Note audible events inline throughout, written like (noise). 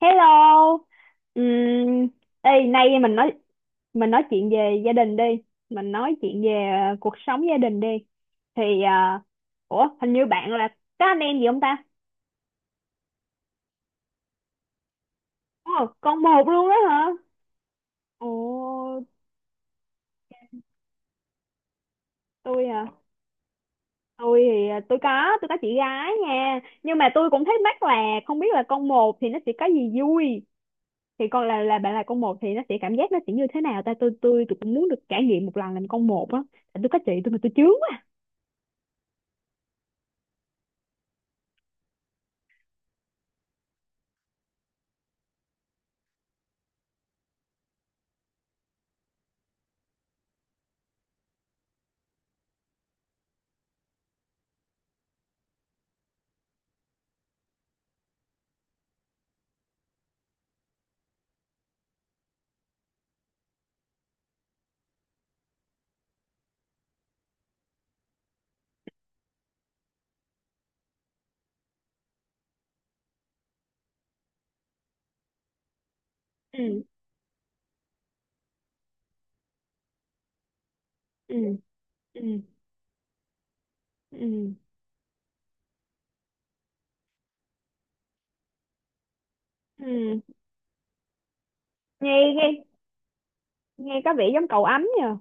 Hello. Ừm, nay mình nói chuyện về gia đình đi. Mình nói chuyện về cuộc sống gia đình đi. Thì à, Hình như bạn là có anh em gì không ta? Ồ, con một luôn đó hả? Ồ, tôi à, tôi thì à, tôi có chị gái nha. Nhưng mà tôi cũng thắc mắc là không biết là con một thì nó sẽ có gì vui. Thì còn là bạn là con một thì nó sẽ cảm giác nó sẽ như thế nào ta? Tôi cũng muốn được trải nghiệm một lần làm con một á. Tại tôi có chị tôi mà tôi chướng quá. Ừ, ừ, ừ, ừ, ừ, nghe nghe nghe có vẻ giống cậu ấm nhờ.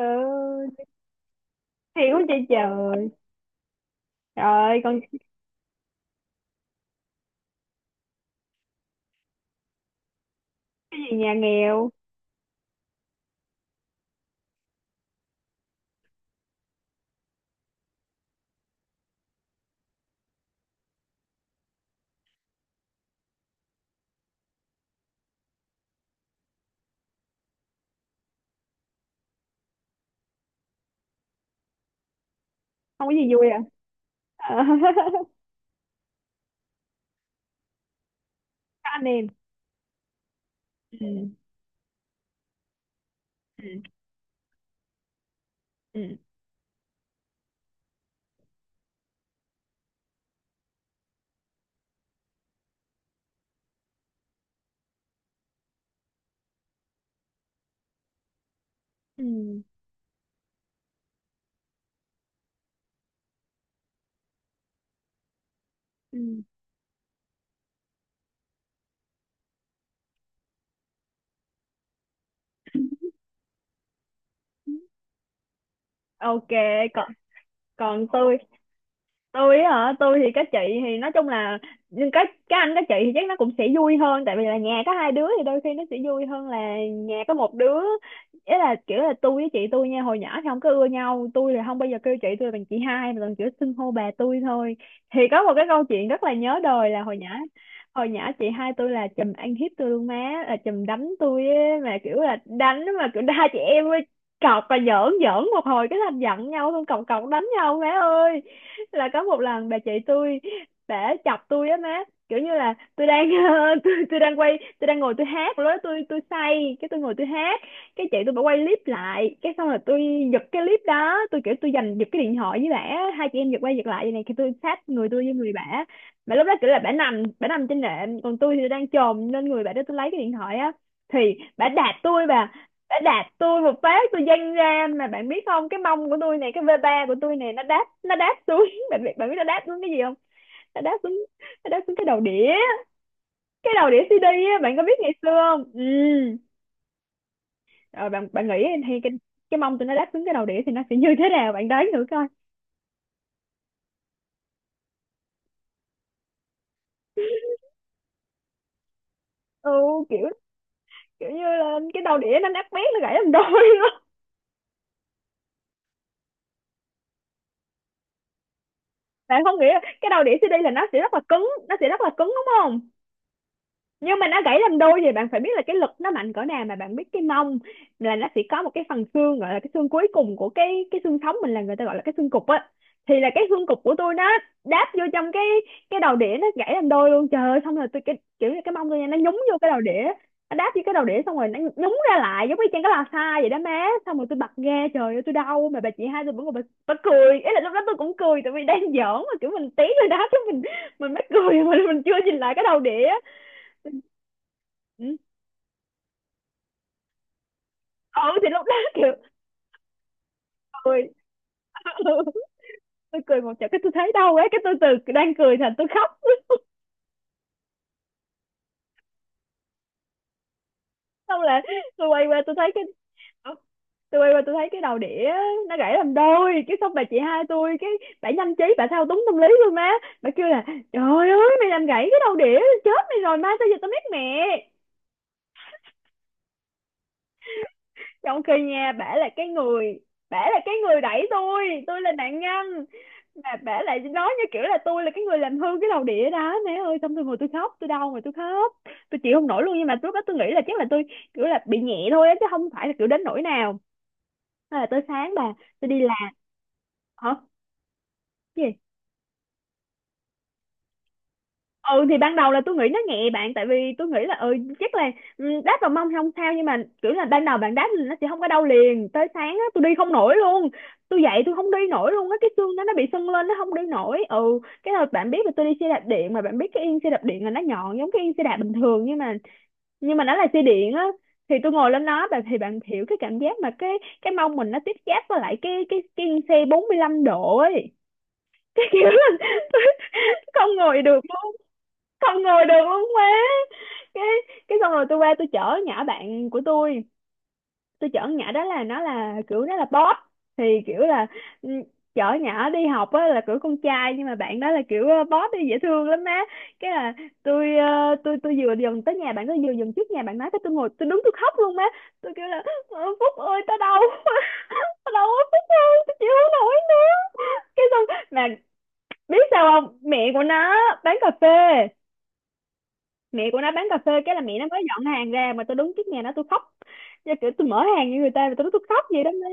Ừ, hiểu chứ, trời trời ơi con. Cái gì nhà nghèo, không có gì vui à? Ờ, (laughs) có anh em, ừ, ừ, ừ, ừ, ừ. Ok, còn còn tôi á hả? Tôi thì các chị, thì nói chung là, nhưng các anh các chị thì chắc nó cũng sẽ vui hơn tại vì là nhà có hai đứa thì đôi khi nó sẽ vui hơn là nhà có một đứa. Ý là kiểu là tôi với chị tôi nha, hồi nhỏ thì không có ưa nhau, tôi là không bao giờ kêu chị tôi là bằng chị hai mà toàn kiểu xưng hô bà tôi thôi. Thì có một cái câu chuyện rất là nhớ đời là hồi nhỏ chị hai tôi là chùm ăn hiếp tôi luôn má, là chùm đánh tôi á, mà kiểu là đánh mà kiểu hai chị em cọc và giỡn giỡn một hồi cái thành giận nhau xong cọc cọc đánh nhau má ơi. Là có một lần bà chị tôi đã chọc tôi á má, kiểu như là tôi đang (laughs) tôi đang quay, tôi đang ngồi tôi hát, lúc đó tôi say cái tôi ngồi tôi hát, cái chị tôi bà quay clip lại, cái xong rồi tôi giật cái clip đó, tôi kiểu tôi giành giật cái điện thoại với bả, hai chị em giật quay giật lại vậy này thì tôi sát người tôi với người bả. Mà lúc đó kiểu là bả nằm, bả nằm trên nệm còn tôi thì đang chồm lên người bả để tôi lấy cái điện thoại á. Thì bả đạp tôi, bà đạp tôi một phát tôi văng ra, mà bạn biết không, cái mông của tôi này, cái vê ba của tôi này, nó đáp, nó đáp xuống (laughs) bạn biết nó đáp xuống cái gì không? Nó đáp xuống nó đáp xuống cái đầu đĩa, cái đầu đĩa CD á, bạn có biết ngày xưa không? Ừ, rồi bạn bạn nghĩ thì cái mông tụi nó đáp xuống cái đầu đĩa thì nó sẽ như thế nào, bạn đoán thử coi. Ừ, kiểu, kiểu như là cái đầu đĩa nó nát bét, nó gãy làm đôi luôn (laughs) bạn không nghĩ cái đầu đĩa CD là nó sẽ rất là cứng, nó sẽ rất là cứng đúng không, nhưng mà nó gãy làm đôi thì bạn phải biết là cái lực nó mạnh cỡ nào. Mà bạn biết cái mông là nó sẽ có một cái phần xương gọi là cái xương cuối cùng của cái xương sống mình là người ta gọi là cái xương cụt á. Thì là cái xương cụt của tôi nó đáp vô trong cái đầu đĩa, nó gãy làm đôi luôn trời ơi. Xong rồi tôi, cái kiểu như cái mông tôi nha, nó nhúng vô cái đầu đĩa, nó đáp vô cái đầu đĩa xong rồi nó nhúng ra lại giống như trên cái lò xo vậy đó má. Xong rồi tôi bật ra trời ơi tôi đau, mà bà chị hai tôi vẫn còn bà cười. Ý là lúc đó tôi cũng cười tại vì đang giỡn mà, kiểu mình tí rồi đá chứ mình mới cười mà mình chưa nhìn lại cái đầu đĩa. Ừ, ừ, thì lúc đó kiểu cười. ừ, tôi cười một trận cái tôi thấy đau quá, cái tôi từ đang cười thành tôi khóc. Xong là tôi quay qua tôi thấy cái ờ, tôi quay qua tôi thấy cái đầu đĩa nó gãy làm đôi. Cái xong bà chị hai tôi cái bà nhanh trí, bà thao túng tâm lý luôn má. Bà kêu là trời ơi mày làm gãy cái đầu đĩa, chết mày rồi, mai sao giờ tao biết mẹ, trong khi nha bả là cái người, bả là cái người đẩy tôi là nạn nhân mà bả lại nói như kiểu là tôi là cái người làm hư cái lầu đĩa đó mẹ ơi. Xong tôi ngồi tôi khóc, tôi đau mà tôi khóc, tôi chịu không nổi luôn. Nhưng mà lúc đó tôi nghĩ là chắc là tôi kiểu là bị nhẹ thôi á chứ không phải là kiểu đến nỗi nào. Thế là tới sáng bà tôi đi làm. Hả? Gì? Ừ, thì ban đầu là tôi nghĩ nó nhẹ bạn, tại vì tôi nghĩ là ừ, chắc là, ừ, đáp vào mông thì không sao, nhưng mà kiểu là ban đầu bạn đáp là nó sẽ không có đau liền, tới sáng á tôi đi không nổi luôn. Tôi dậy tôi không đi nổi luôn á, cái xương đó nó bị sưng lên, nó không đi nổi. Ừ, cái rồi bạn biết là tôi đi xe đạp điện mà, bạn biết cái yên xe đạp điện là nó nhọn giống cái yên xe đạp bình thường, nhưng mà nó là xe điện á, thì tôi ngồi lên nó bạn, thì bạn hiểu cái cảm giác mà cái mông mình nó tiếp giáp với lại cái yên xe 45 độ ấy (laughs) cái kiểu là không ngồi được luôn, không ngồi được luôn má. Cái cái xong rồi tôi qua tôi chở nhỏ bạn của tôi chở nhỏ đó là nó là kiểu nó là boss. Thì kiểu là, ừ, chở nhỏ đi học á là kiểu con trai nhưng mà bạn đó là kiểu boss đi dễ thương lắm má. Cái là tôi tôi vừa dần tới nhà bạn đó, vừa dần trước nhà bạn nói cái tôi ngồi tôi đứng tôi khóc luôn má. Tôi kêu là Phúc ơi tao đau (laughs) quá, tao đau quá Phúc, tao chịu không nổi nữa". Cái xong, mà biết sao không, mẹ của nó bán cà phê, mẹ của nó bán cà phê cái là mẹ nó mới dọn hàng ra mà tôi đứng trước nhà nó tôi khóc. Chứ kiểu tôi mở hàng như người ta mà tôi nói tôi khóc vậy đó. Nó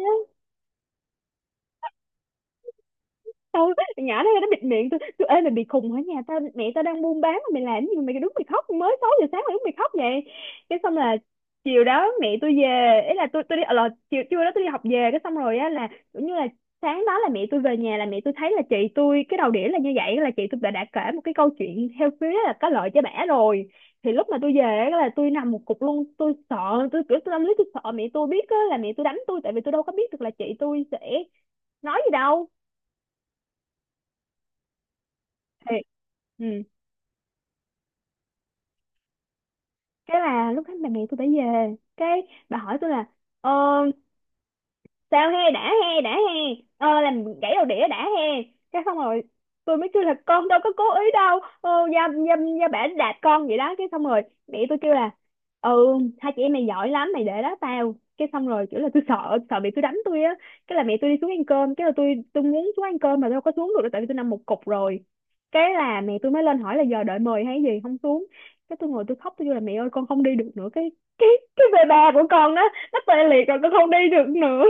tao, nhỏ nó bịt miệng tôi ê mày bị khùng hả, nhà tao mẹ tao đang buôn bán mà mày làm gì mà mày đứng mày khóc, mới 6 giờ sáng mày đứng mày khóc vậy. Cái xong là chiều đó mẹ tôi về, ý là tôi đi là chiều trưa đó tôi đi học về, cái xong rồi á là cũng như là sáng đó là mẹ tôi về nhà là mẹ tôi thấy là chị tôi cái đầu đĩa là như vậy, là chị tôi đã kể một cái câu chuyện theo phía là có lợi cho bả rồi. Thì lúc mà tôi về á là tôi nằm một cục luôn, tôi sợ, tôi kiểu tôi tâm lý tôi sợ mẹ tôi biết á là mẹ tôi đánh tôi, tại vì tôi đâu có biết được là chị tôi sẽ nói gì đâu. Thì ừ. Cái là lúc hết bạn bè tôi phải về cái bà hỏi tôi là ờ, sao he đã he đã he làm gãy đầu đĩa đã he. Cái xong rồi tôi mới kêu là con đâu có cố ý đâu ờ, gia gia gia bả đạp con vậy đó. Cái xong rồi mẹ tôi kêu là ừ hai chị em mày giỏi lắm mày để đó tao. Cái xong rồi kiểu là tôi sợ, sợ tôi đánh tôi á. Cái là mẹ tôi đi xuống ăn cơm, cái là tôi muốn xuống ăn cơm mà tôi đâu có xuống được đâu, tại vì tôi nằm một cục rồi. Cái là mẹ tôi mới lên hỏi là giờ đợi mời hay gì không xuống, cái tôi ngồi tôi khóc tôi kêu là mẹ ơi con không đi được nữa, cái cái về bà của con đó nó tê liệt rồi con không đi được nữa.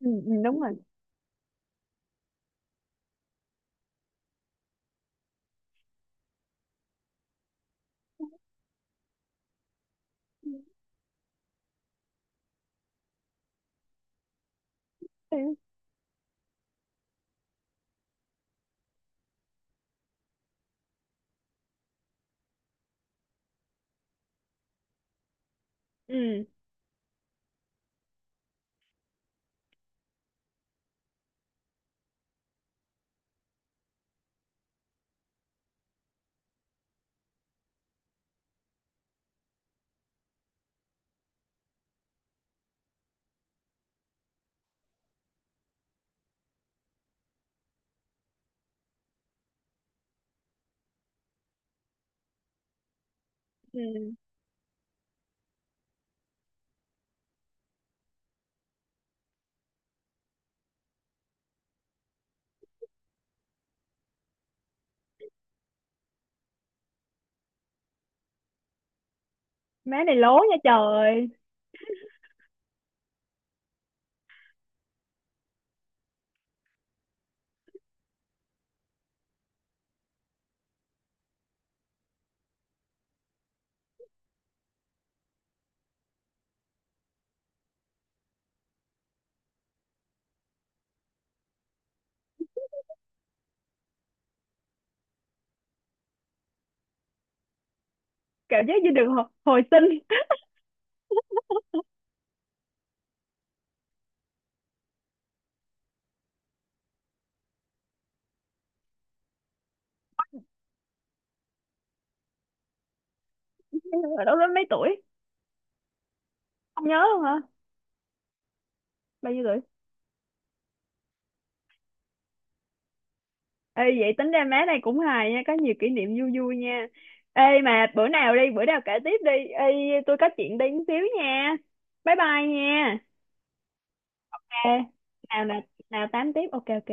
Ừ, ừ, đúng rồi. Ừ, ừ. Ừ. Má này lố nha trời. Cảm giác như được hồi sinh. (laughs) Ở đó mấy tuổi, không nhớ luôn hả, bao nhiêu tuổi? Ê vậy tính ra má này cũng hài nha, có nhiều kỷ niệm vui vui nha. Ê mà bữa nào kể tiếp đi ê, tôi có chuyện đi một xíu nha, bye bye nha. Ê nào nào nào tám tiếp, ok ok.